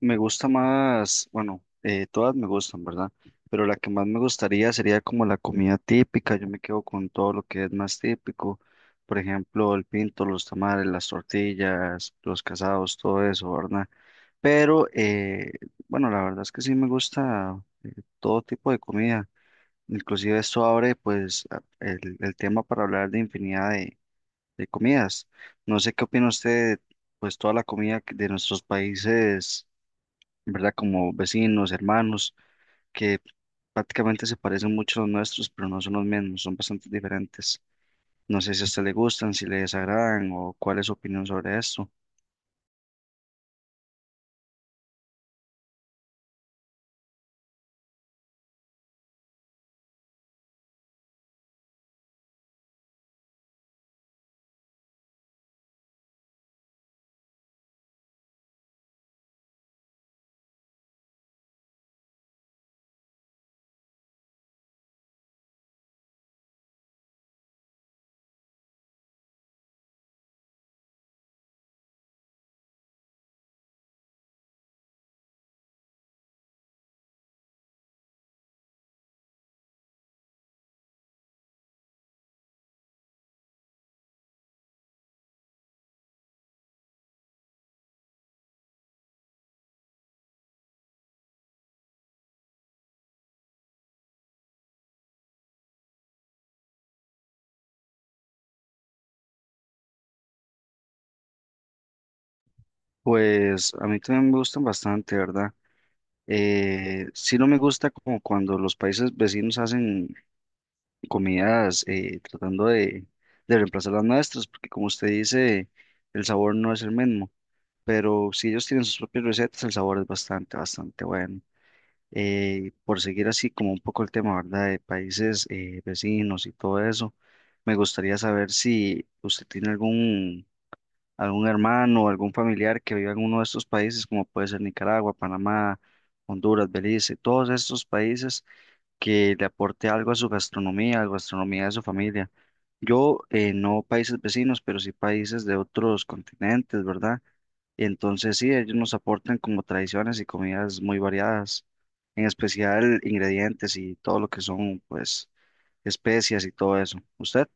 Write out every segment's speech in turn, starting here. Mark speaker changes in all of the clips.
Speaker 1: Me gusta más, bueno, todas me gustan, ¿verdad? Pero la que más me gustaría sería como la comida típica. Yo me quedo con todo lo que es más típico. Por ejemplo, el pinto, los tamales, las tortillas, los casados, todo eso, ¿verdad? Pero bueno, la verdad es que sí me gusta todo tipo de comida. Inclusive esto abre pues el tema para hablar de infinidad de comidas. No sé qué opina usted, pues toda la comida de nuestros países, ¿verdad? Como vecinos, hermanos, que prácticamente se parecen mucho a los nuestros, pero no son los mismos, son bastante diferentes. No sé si a usted le gustan, si le desagradan o cuál es su opinión sobre esto. Pues a mí también me gustan bastante, ¿verdad? Sí, no me gusta como cuando los países vecinos hacen comidas tratando de reemplazar las nuestras, porque como usted dice, el sabor no es el mismo, pero si ellos tienen sus propias recetas, el sabor es bastante bueno. Por seguir así como un poco el tema, ¿verdad? De países vecinos y todo eso, me gustaría saber si usted tiene algún hermano o algún familiar que viva en uno de estos países, como puede ser Nicaragua, Panamá, Honduras, Belice, todos estos países que le aporte algo a su gastronomía, a la gastronomía de su familia. Yo, no países vecinos, pero sí países de otros continentes, ¿verdad? Entonces sí, ellos nos aportan como tradiciones y comidas muy variadas, en especial ingredientes y todo lo que son pues especias y todo eso. ¿Usted?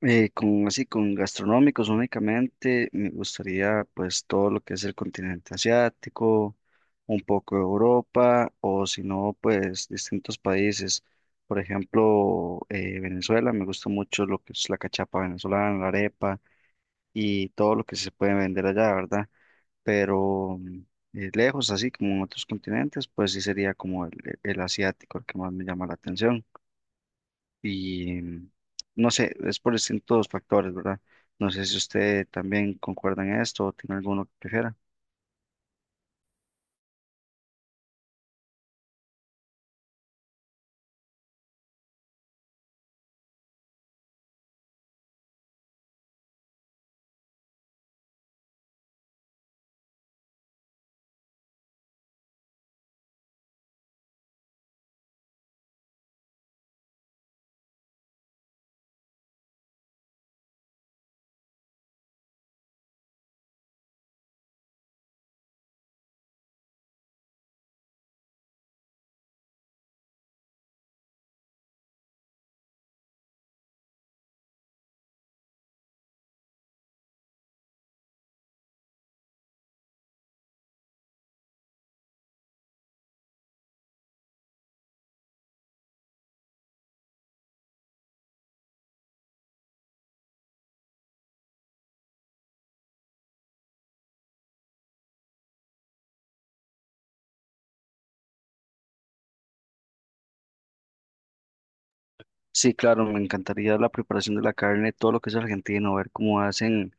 Speaker 1: Con así, con gastronómicos únicamente, me gustaría pues todo lo que es el continente asiático, un poco de Europa o si no pues distintos países. Por ejemplo, Venezuela, me gusta mucho lo que es la cachapa venezolana, la arepa y todo lo que se puede vender allá, ¿verdad? Pero lejos, así como en otros continentes, pues sí sería como el asiático el que más me llama la atención. Y no sé, es por distintos factores, ¿verdad? No sé si usted también concuerda en esto o tiene alguno que prefiera. Sí, claro, me encantaría la preparación de la carne, todo lo que es argentino, ver cómo hacen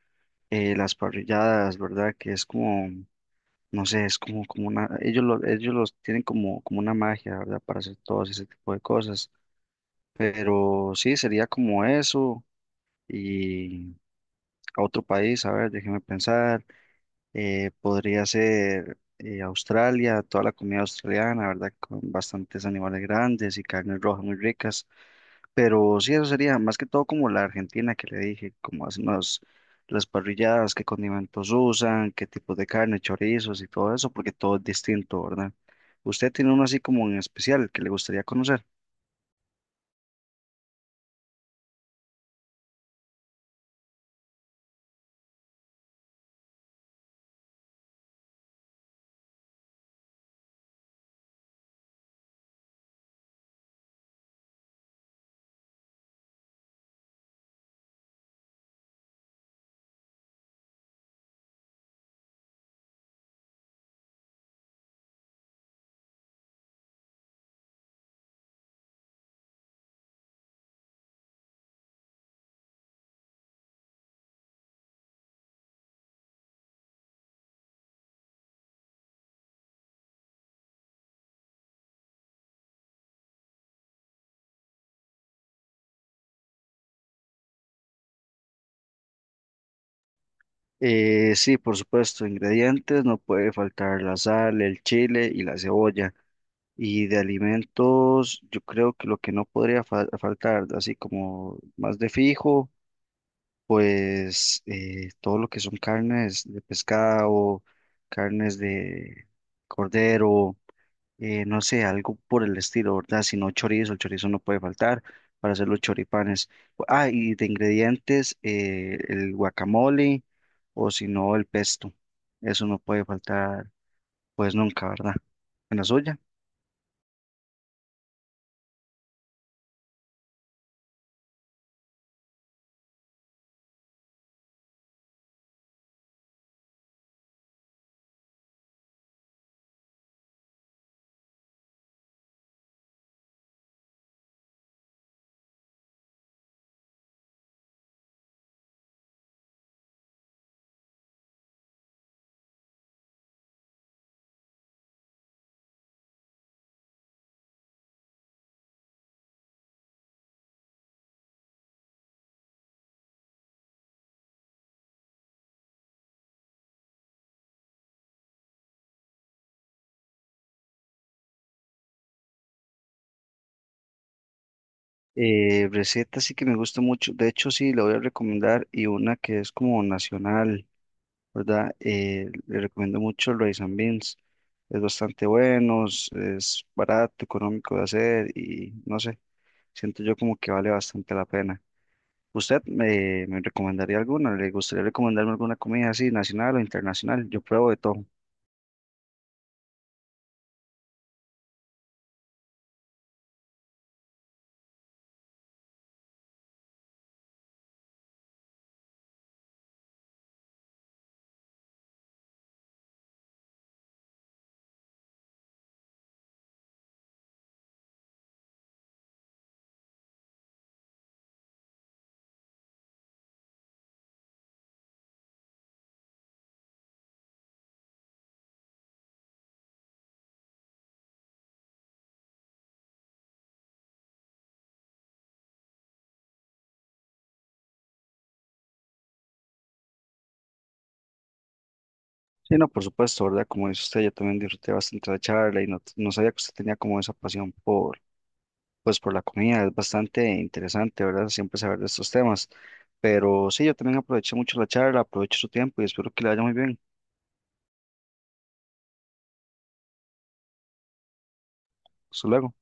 Speaker 1: las parrilladas, ¿verdad? Que es como, no sé, es como, como una, ellos, ellos los tienen como, como una magia, ¿verdad? Para hacer todo ese tipo de cosas. Pero sí, sería como eso. Y a otro país, a ver, déjeme pensar, podría ser Australia, toda la comida australiana, ¿verdad? Con bastantes animales grandes y carnes rojas muy ricas, pero sí, eso sería más que todo como la Argentina que le dije, como hacen las parrilladas, qué condimentos usan, qué tipos de carne, chorizos y todo eso, porque todo es distinto, ¿verdad? ¿Usted tiene uno así como en especial que le gustaría conocer? Sí, por supuesto, ingredientes, no puede faltar la sal, el chile y la cebolla. Y de alimentos, yo creo que lo que no podría faltar, así como más de fijo, pues todo lo que son carnes de pescado, carnes de cordero, no sé, algo por el estilo, ¿verdad? Si no chorizo, el chorizo no puede faltar para hacer los choripanes. Ah, y de ingredientes, el guacamole o si no, el pesto. Eso no puede faltar, pues nunca, ¿verdad? En la suya. Receta sí que me gusta mucho, de hecho sí, la voy a recomendar y una que es como nacional, ¿verdad? Le recomiendo mucho el rice and beans, es bastante bueno, es barato, económico de hacer y no sé, siento yo como que vale bastante la pena. ¿Usted me recomendaría alguna? ¿Le gustaría recomendarme alguna comida así, nacional o internacional? Yo pruebo de todo. Sí, no, por supuesto, ¿verdad? Como dice usted, yo también disfruté bastante la charla y no, no sabía que usted tenía como esa pasión por pues por la comida. Es bastante interesante, ¿verdad? Siempre saber de estos temas. Pero sí, yo también aproveché mucho la charla, aprovecho su tiempo y espero que le vaya muy bien. Hasta luego.